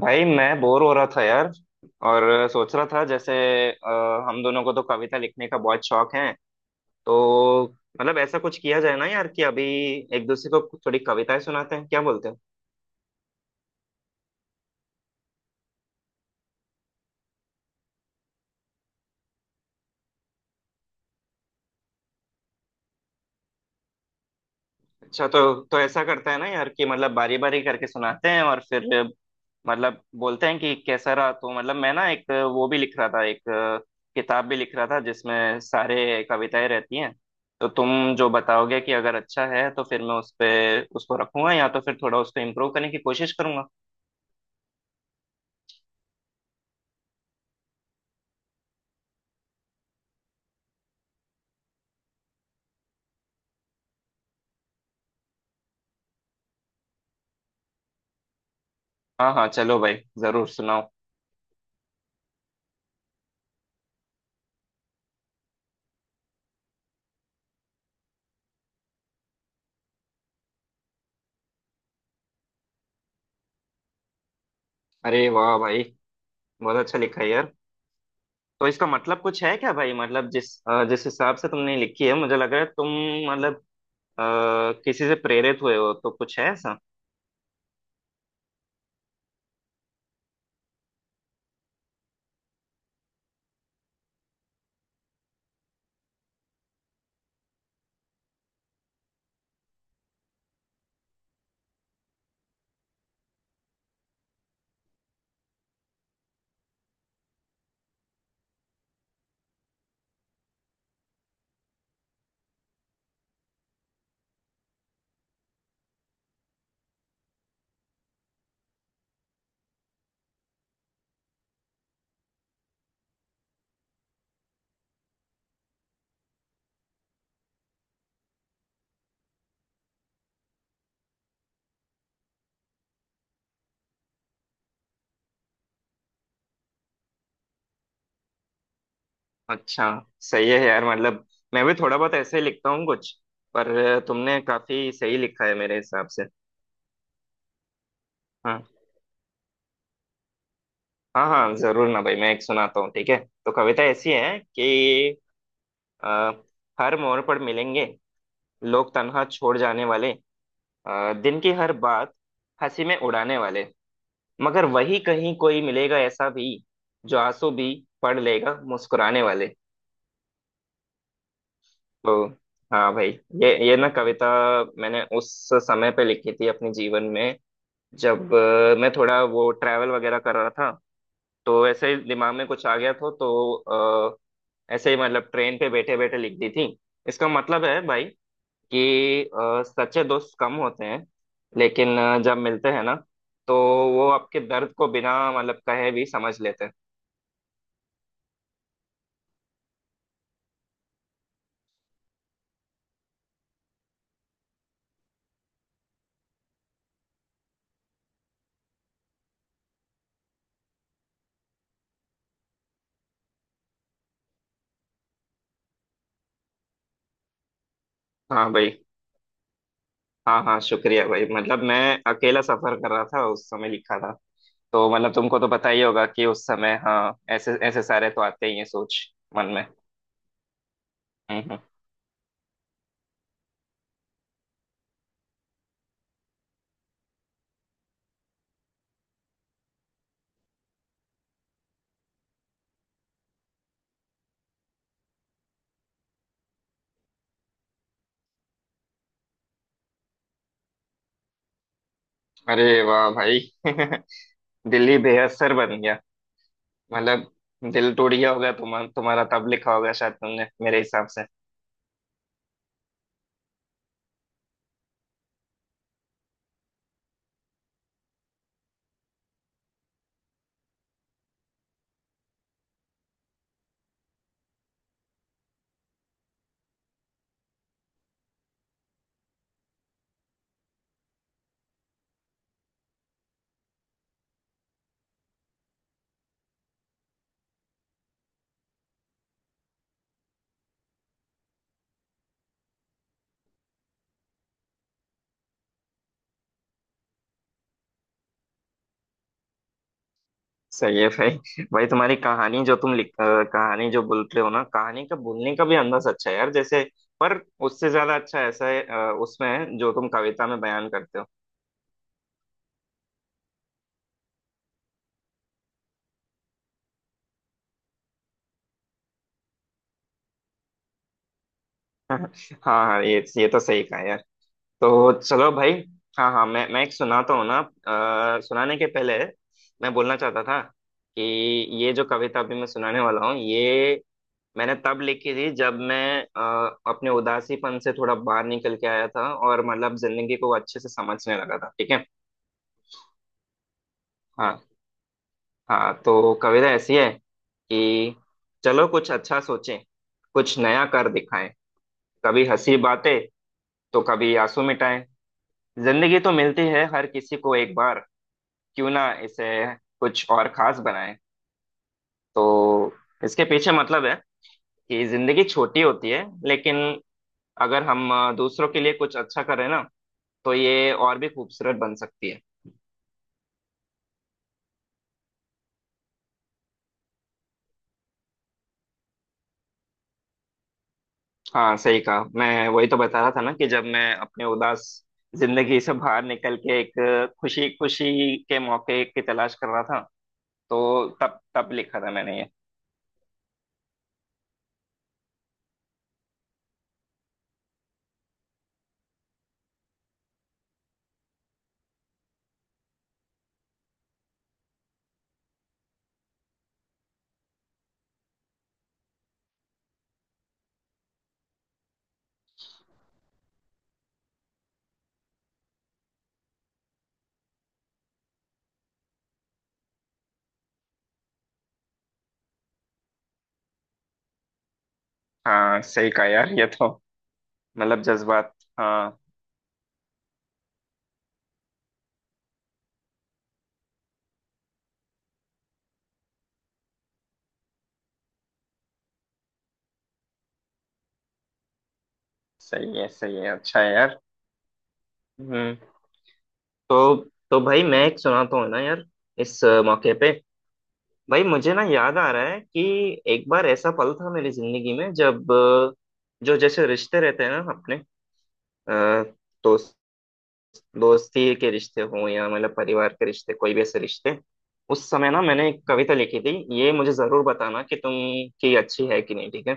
भाई, मैं बोर हो रहा था यार। और सोच रहा था जैसे हम दोनों को तो कविता लिखने का बहुत शौक है। तो मतलब ऐसा कुछ किया जाए ना यार कि अभी एक दूसरे को थोड़ी कविताएं सुनाते हैं, क्या बोलते हैं? अच्छा, तो ऐसा करते हैं ना यार कि मतलब बारी बारी करके सुनाते हैं और फिर मतलब बोलते हैं कि कैसा रहा। तो मतलब मैं ना एक वो भी लिख रहा था, एक किताब भी लिख रहा था जिसमें सारे कविताएं रहती हैं। तो तुम जो बताओगे कि अगर अच्छा है तो फिर मैं उस पे उसको रखूंगा, या तो फिर थोड़ा उसको इम्प्रूव करने की कोशिश करूंगा। हाँ हाँ, चलो भाई जरूर सुनाओ। अरे वाह भाई, बहुत अच्छा लिखा है यार। तो इसका मतलब कुछ है क्या भाई? मतलब जिस हिसाब से तुमने लिखी है, मुझे लग रहा है तुम मतलब अ, किसी से प्रेरित हुए हो, तो कुछ है ऐसा। अच्छा, सही है यार। मतलब मैं भी थोड़ा बहुत ऐसे ही लिखता हूँ कुछ। पर तुमने काफी सही लिखा है मेरे हिसाब से। हाँ हाँ हाँ, जरूर ना भाई, मैं एक सुनाता हूँ, ठीक है। तो कविता ऐसी है कि अ, हर मोड़ पर मिलेंगे लोग तन्हा छोड़ जाने वाले, दिन की हर बात हंसी में उड़ाने वाले, मगर वही कहीं कोई मिलेगा ऐसा भी जो आंसू भी पढ़ लेगा मुस्कुराने वाले। तो हाँ भाई, ये ना कविता मैंने उस समय पे लिखी थी अपने जीवन में, जब मैं थोड़ा वो ट्रैवल वगैरह कर रहा था। तो ऐसे ही दिमाग में कुछ आ गया था, तो अ, ऐसे ही मतलब ट्रेन पे बैठे बैठे लिख दी थी। इसका मतलब है भाई कि सच्चे दोस्त कम होते हैं, लेकिन जब मिलते हैं ना, तो वो आपके दर्द को बिना मतलब कहे भी समझ लेते हैं। हाँ भाई। हाँ हाँ, शुक्रिया भाई। मतलब मैं अकेला सफर कर रहा था, उस समय लिखा था। तो मतलब तुमको तो पता ही होगा कि उस समय हाँ, ऐसे ऐसे सारे तो आते ही हैं सोच मन में। हम्म हम्म। अरे वाह भाई। दिल ही बेअसर बन गया। मतलब दिल टूट गया होगा तुम्हारा तब, लिखा होगा शायद तुमने मेरे हिसाब से। सही है भाई। भाई, तुम्हारी कहानी जो तुम लिख अ, कहानी जो बोलते हो ना, कहानी का बोलने का भी अंदाज अच्छा है यार। जैसे, पर उससे ज्यादा अच्छा ऐसा है उसमें है जो तुम कविता में बयान करते हो। हाँ हाँ, ये तो सही कहा यार। तो चलो भाई। हाँ हाँ, मैं एक सुनाता हूँ ना। सुनाने के पहले मैं बोलना चाहता था कि ये जो कविता अभी मैं सुनाने वाला हूँ, ये मैंने तब लिखी थी जब मैं अपने उदासीपन से थोड़ा बाहर निकल के आया था और मतलब जिंदगी को अच्छे से समझने लगा था, ठीक है। हाँ हाँ, तो कविता ऐसी है कि चलो कुछ अच्छा सोचें, कुछ नया कर दिखाएं। कभी हंसी बातें तो कभी आंसू मिटाएं। जिंदगी तो मिलती है हर किसी को एक बार, क्यों ना इसे कुछ और खास बनाए। तो इसके पीछे मतलब है कि जिंदगी छोटी होती है, लेकिन अगर हम दूसरों के लिए कुछ अच्छा करें ना, तो ये और भी खूबसूरत बन सकती है। हाँ सही कहा। मैं वही तो बता रहा था ना कि जब मैं अपने उदास जिंदगी से बाहर निकल के एक खुशी खुशी के मौके की तलाश कर रहा था, तो तब तब लिखा था मैंने ये। हाँ सही कहा यार, ये तो मतलब जज्बात। हाँ। सही है, सही है, अच्छा है यार। हम्म। तो तो भाई, मैं एक सुनाता हूँ ना यार, इस मौके पे। भाई, मुझे ना याद आ रहा है कि एक बार ऐसा पल था मेरी जिंदगी में, जब जो जैसे रिश्ते रहते हैं ना अपने, अ, दोस्त दोस्ती के रिश्ते हों या मतलब परिवार के रिश्ते, कोई भी ऐसे रिश्ते। उस समय ना मैंने एक कविता लिखी थी। ये मुझे जरूर बताना कि तुम की अच्छी है कि नहीं, ठीक है।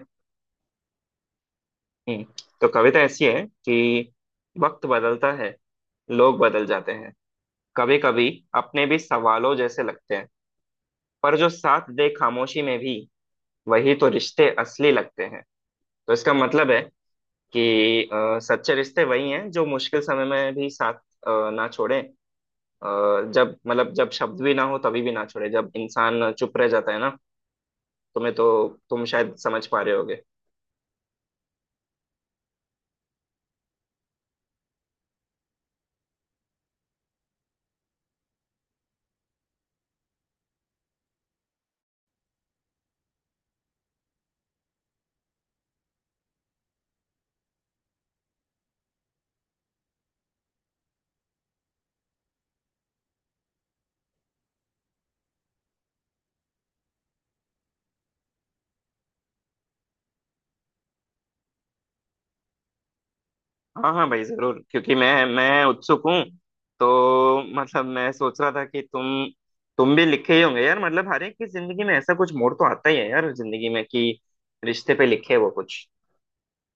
हम्म। तो कविता ऐसी है कि वक्त बदलता है, लोग बदल जाते हैं। कभी कभी अपने भी सवालों जैसे लगते हैं, पर जो साथ दे खामोशी में भी, वही तो रिश्ते असली लगते हैं। तो इसका मतलब है कि सच्चे रिश्ते वही हैं जो मुश्किल समय में भी साथ ना छोड़े। अ, जब मतलब जब शब्द भी ना हो तभी भी ना छोड़े, जब इंसान चुप रह जाता है ना। तुम्हें तो तुम शायद समझ पा रहे होगे। हाँ हाँ भाई जरूर, क्योंकि मैं उत्सुक हूँ। तो मतलब मैं सोच रहा था कि तुम भी लिखे ही होंगे यार। मतलब हर एक की जिंदगी में ऐसा कुछ मोड़ तो आता ही है यार, जिंदगी में कि रिश्ते पे लिखे वो कुछ।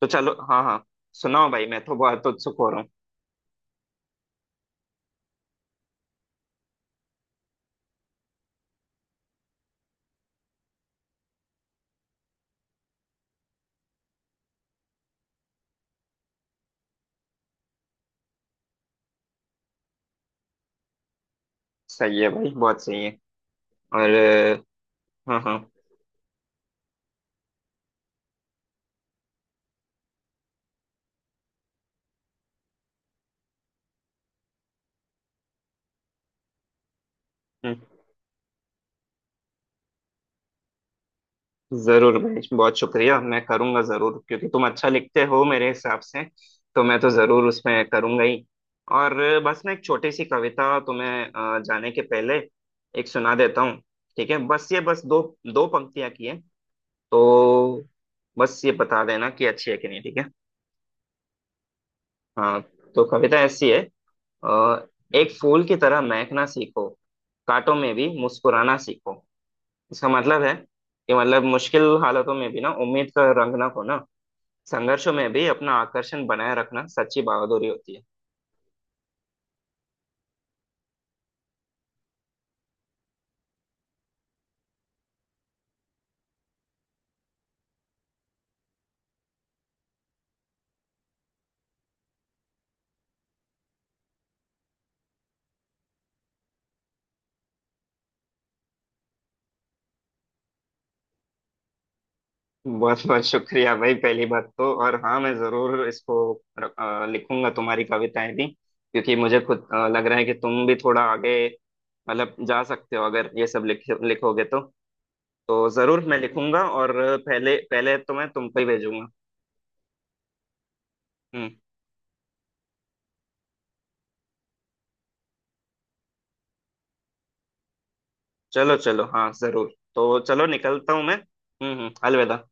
तो चलो हाँ हाँ, सुनाओ भाई, मैं तो बहुत उत्सुक हो रहा हूँ। सही है भाई, बहुत सही है। और हाँ हाँ। हम्म। जरूर भाई, बहुत शुक्रिया। मैं करूंगा जरूर, क्योंकि तुम अच्छा लिखते हो मेरे हिसाब से। तो मैं तो जरूर उसमें करूंगा ही। और बस मैं एक छोटी सी कविता तुम्हें जाने के पहले एक सुना देता हूँ, ठीक है। बस ये, बस दो दो पंक्तियां की है। तो बस ये बता देना कि अच्छी है कि नहीं, ठीक है। हाँ। तो कविता ऐसी है, अ, एक फूल की तरह महकना सीखो, कांटों में भी मुस्कुराना सीखो। इसका मतलब है कि मतलब मुश्किल हालातों में भी ना उम्मीद का रंग ना खोना, संघर्षों में भी अपना आकर्षण बनाए रखना सच्ची बहादुरी होती है। बहुत बहुत शुक्रिया भाई, पहली बात तो। और हाँ, मैं जरूर इसको लिखूंगा तुम्हारी कविताएं भी, क्योंकि मुझे खुद लग रहा है कि तुम भी थोड़ा आगे मतलब जा सकते हो अगर ये सब लिखोगे तो। तो जरूर मैं लिखूंगा, और पहले पहले तो मैं तुमको ही भेजूंगा। हम्म। चलो चलो, हाँ जरूर। तो चलो, निकलता हूँ मैं। हम्म। अलविदा।